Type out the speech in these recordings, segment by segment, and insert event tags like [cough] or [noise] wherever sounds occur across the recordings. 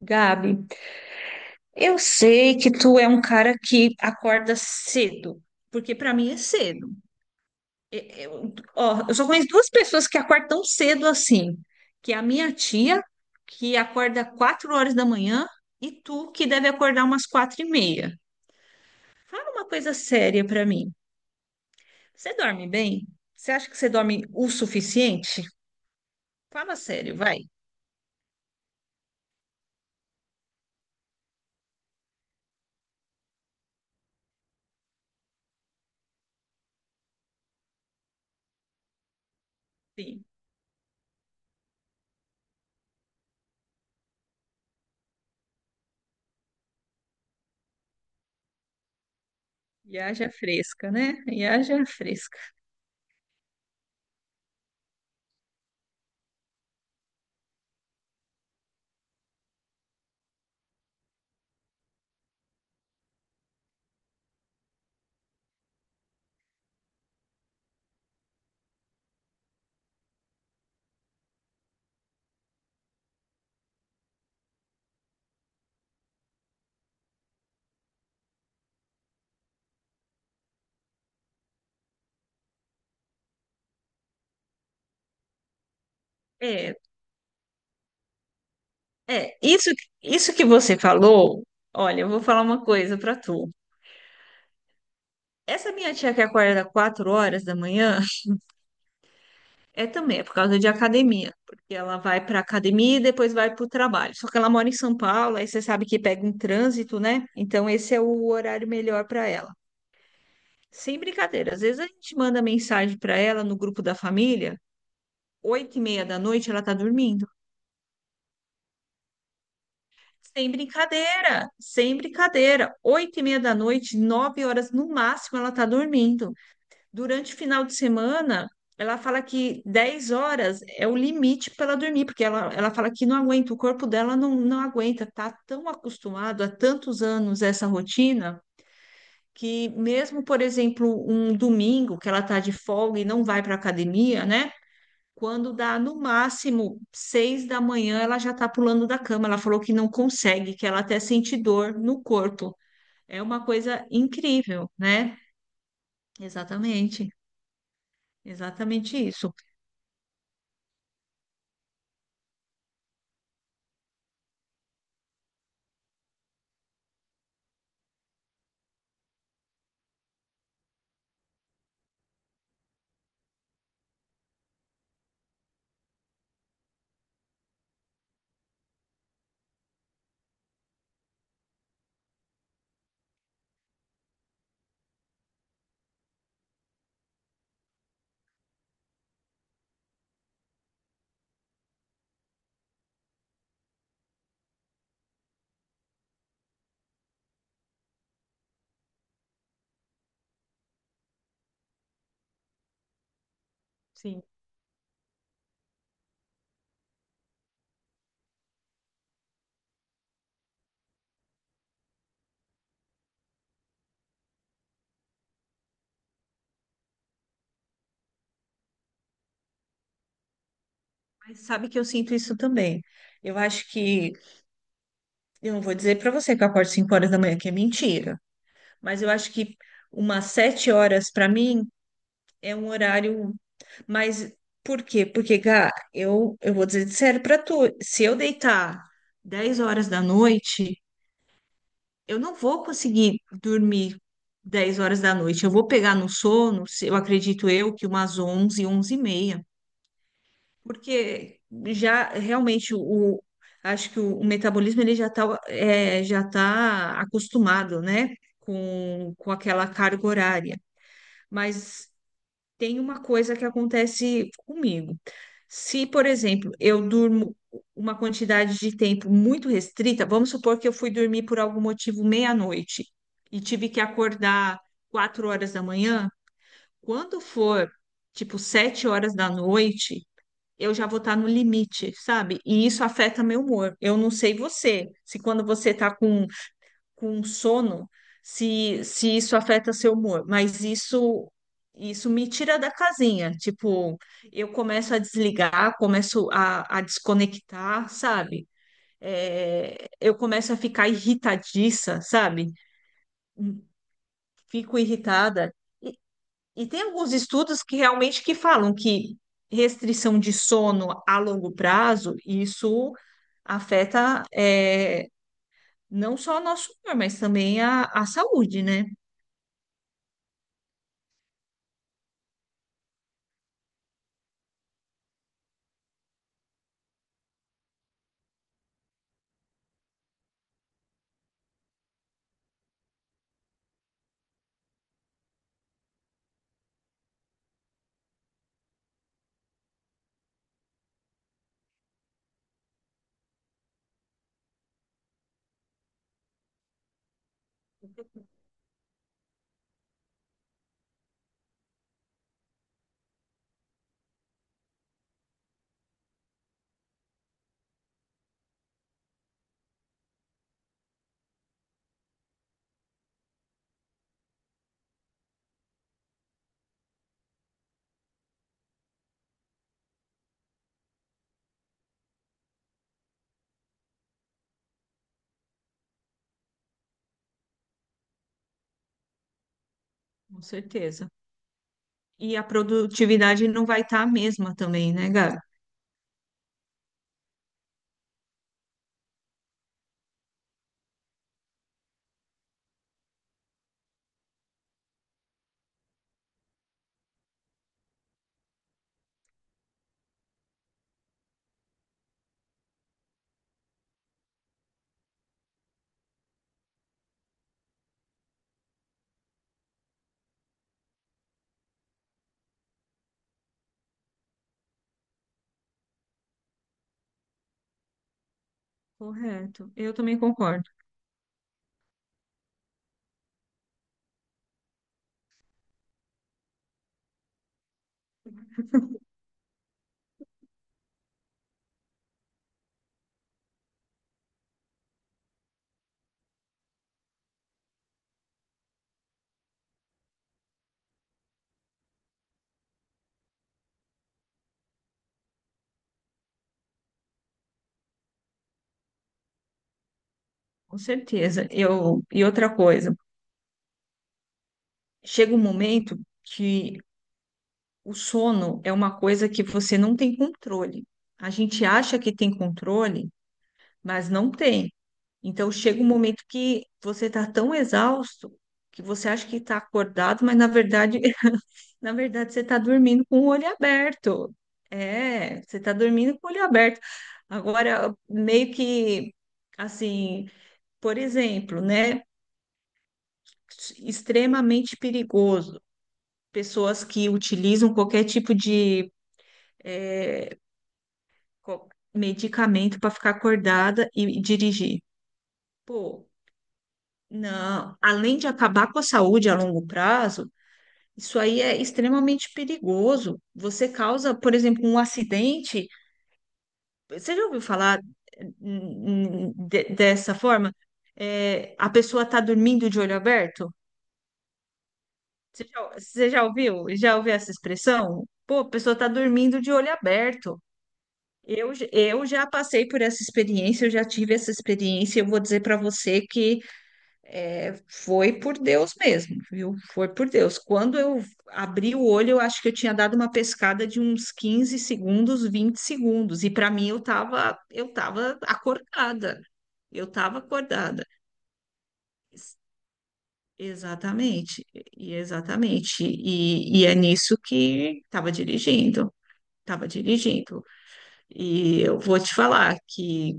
Gabi, eu sei que tu é um cara que acorda cedo, porque para mim é cedo. Eu, eu só conheço duas pessoas que acordam tão cedo assim, que é a minha tia, que acorda quatro horas da manhã, e tu, que deve acordar umas quatro e meia. Fala uma coisa séria para mim. Você dorme bem? Você acha que você dorme o suficiente? Fala sério, vai. Sim, e haja fresca, né? E haja fresca. É, é, isso que você falou, olha, eu vou falar uma coisa pra tu. Essa minha tia que acorda 4 horas da manhã também é por causa de academia, porque ela vai pra academia e depois vai pro trabalho. Só que ela mora em São Paulo, aí você sabe que pega um trânsito, né? Então esse é o horário melhor pra ela. Sem brincadeira, às vezes a gente manda mensagem pra ela no grupo da família, 8 e meia da noite ela tá dormindo. Sem brincadeira, sem brincadeira. Oito e meia da noite, nove horas no máximo, ela tá dormindo. Durante o final de semana, ela fala que 10 horas é o limite para ela dormir, porque ela fala que não aguenta, o corpo dela não aguenta, tá tão acostumado há tantos anos a essa rotina que mesmo, por exemplo, um domingo que ela tá de folga e não vai para academia, né? Quando dá no máximo seis da manhã, ela já tá pulando da cama. Ela falou que não consegue, que ela até sente dor no corpo. É uma coisa incrível, né? Exatamente, exatamente isso. Sim. Mas sabe que eu sinto isso também. Eu acho que, eu não vou dizer para você que eu acordo 5 horas da manhã, que é mentira, mas eu acho que umas 7 horas para mim é um horário. Mas por quê? Porque, Gá, eu vou dizer de sério para tu, se eu deitar 10 horas da noite, eu não vou conseguir dormir 10 horas da noite. Eu vou pegar no sono, eu acredito eu, que umas 11, 11 e meia. Porque já realmente o acho que o metabolismo ele já está já tá acostumado, né, com aquela carga horária. Mas tem uma coisa que acontece comigo. Se, por exemplo, eu durmo uma quantidade de tempo muito restrita, vamos supor que eu fui dormir por algum motivo meia-noite e tive que acordar quatro horas da manhã, quando for tipo sete horas da noite eu já vou estar no limite, sabe? E isso afeta meu humor. Eu não sei você, se quando você está com sono, se isso afeta seu humor, mas isso me tira da casinha. Tipo, eu começo a desligar, começo a desconectar, sabe? É, eu começo a ficar irritadiça, sabe? Hum, Fico irritada. E tem alguns estudos que realmente que falam que restrição de sono a longo prazo, isso afeta é, não só o nosso humor, mas também a saúde, né? Com certeza. E a produtividade não vai estar a mesma também, né, Gabi? Correto. Eu também concordo. Com certeza. Eu, e outra coisa, chega um momento que o sono é uma coisa que você não tem controle. A gente acha que tem controle, mas não tem. Então chega um momento que você está tão exausto que você acha que está acordado, mas na verdade, [laughs] na verdade você está dormindo com o olho aberto. É, você está dormindo com o olho aberto. Agora, meio que assim, por exemplo, né? Extremamente perigoso. Pessoas que utilizam qualquer tipo de é, co- medicamento para ficar acordada e dirigir. Pô, não, além de acabar com a saúde a longo prazo, isso aí é extremamente perigoso. Você causa, por exemplo, um acidente. Você já ouviu falar dessa forma? É, a pessoa está dormindo de olho aberto? Você já ouviu? Já ouviu essa expressão? Pô, a pessoa está dormindo de olho aberto. Eu já passei por essa experiência, eu já tive essa experiência. Eu vou dizer para você que é, foi por Deus mesmo, viu? Foi por Deus. Quando eu abri o olho, eu acho que eu tinha dado uma pescada de uns 15 segundos, 20 segundos, e para mim eu tava acordada. Eu tava acordada. Exatamente, exatamente. E é nisso que estava dirigindo, estava dirigindo. E eu vou te falar que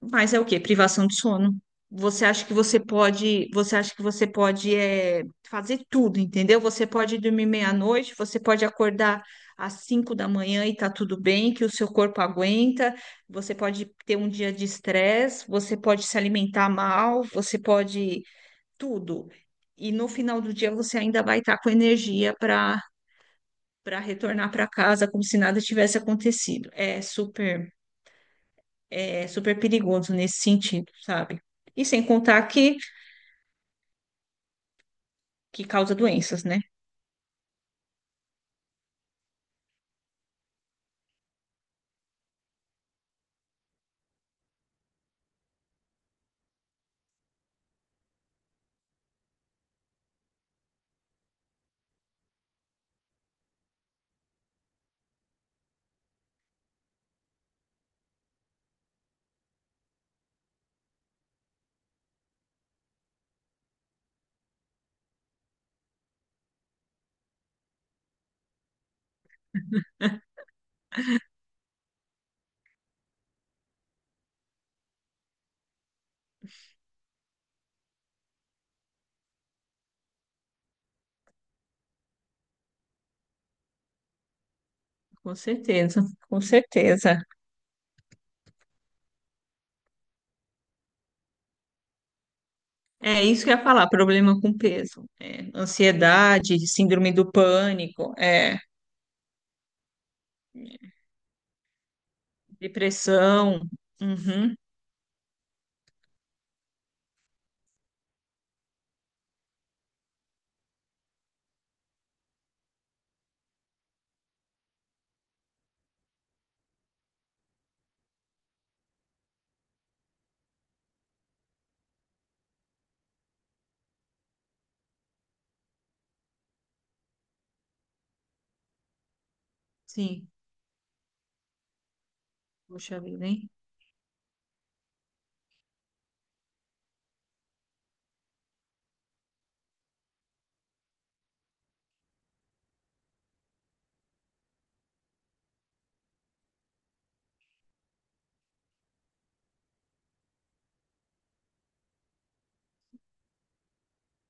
mas é o quê? Privação de sono. Você acha que você pode, você acha que você pode é, fazer tudo, entendeu? Você pode dormir meia-noite, você pode acordar às cinco da manhã e tá tudo bem, que o seu corpo aguenta, você pode ter um dia de estresse, você pode se alimentar mal, você pode tudo. E no final do dia você ainda vai estar com energia para para retornar para casa como se nada tivesse acontecido. É super perigoso nesse sentido, sabe? E sem contar que causa doenças, né? Com certeza, com certeza. É isso que eu ia falar, problema com peso, é, ansiedade, síndrome do pânico, é, depressão. Uhum, sim, poxa vida, hein?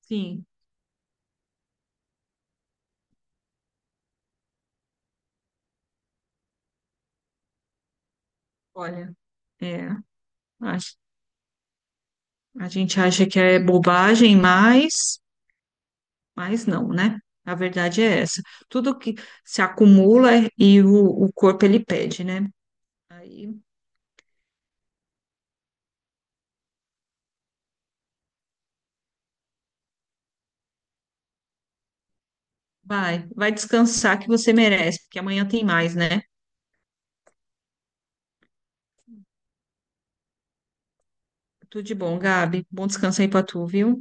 Sim, olha, é, a, a gente acha que é bobagem, mas não, né? A verdade é essa. Tudo que se acumula e o corpo ele pede, né? Aí vai, vai descansar que você merece, porque amanhã tem mais, né? Tudo de bom, Gabi. Bom descanso aí pra tu, viu?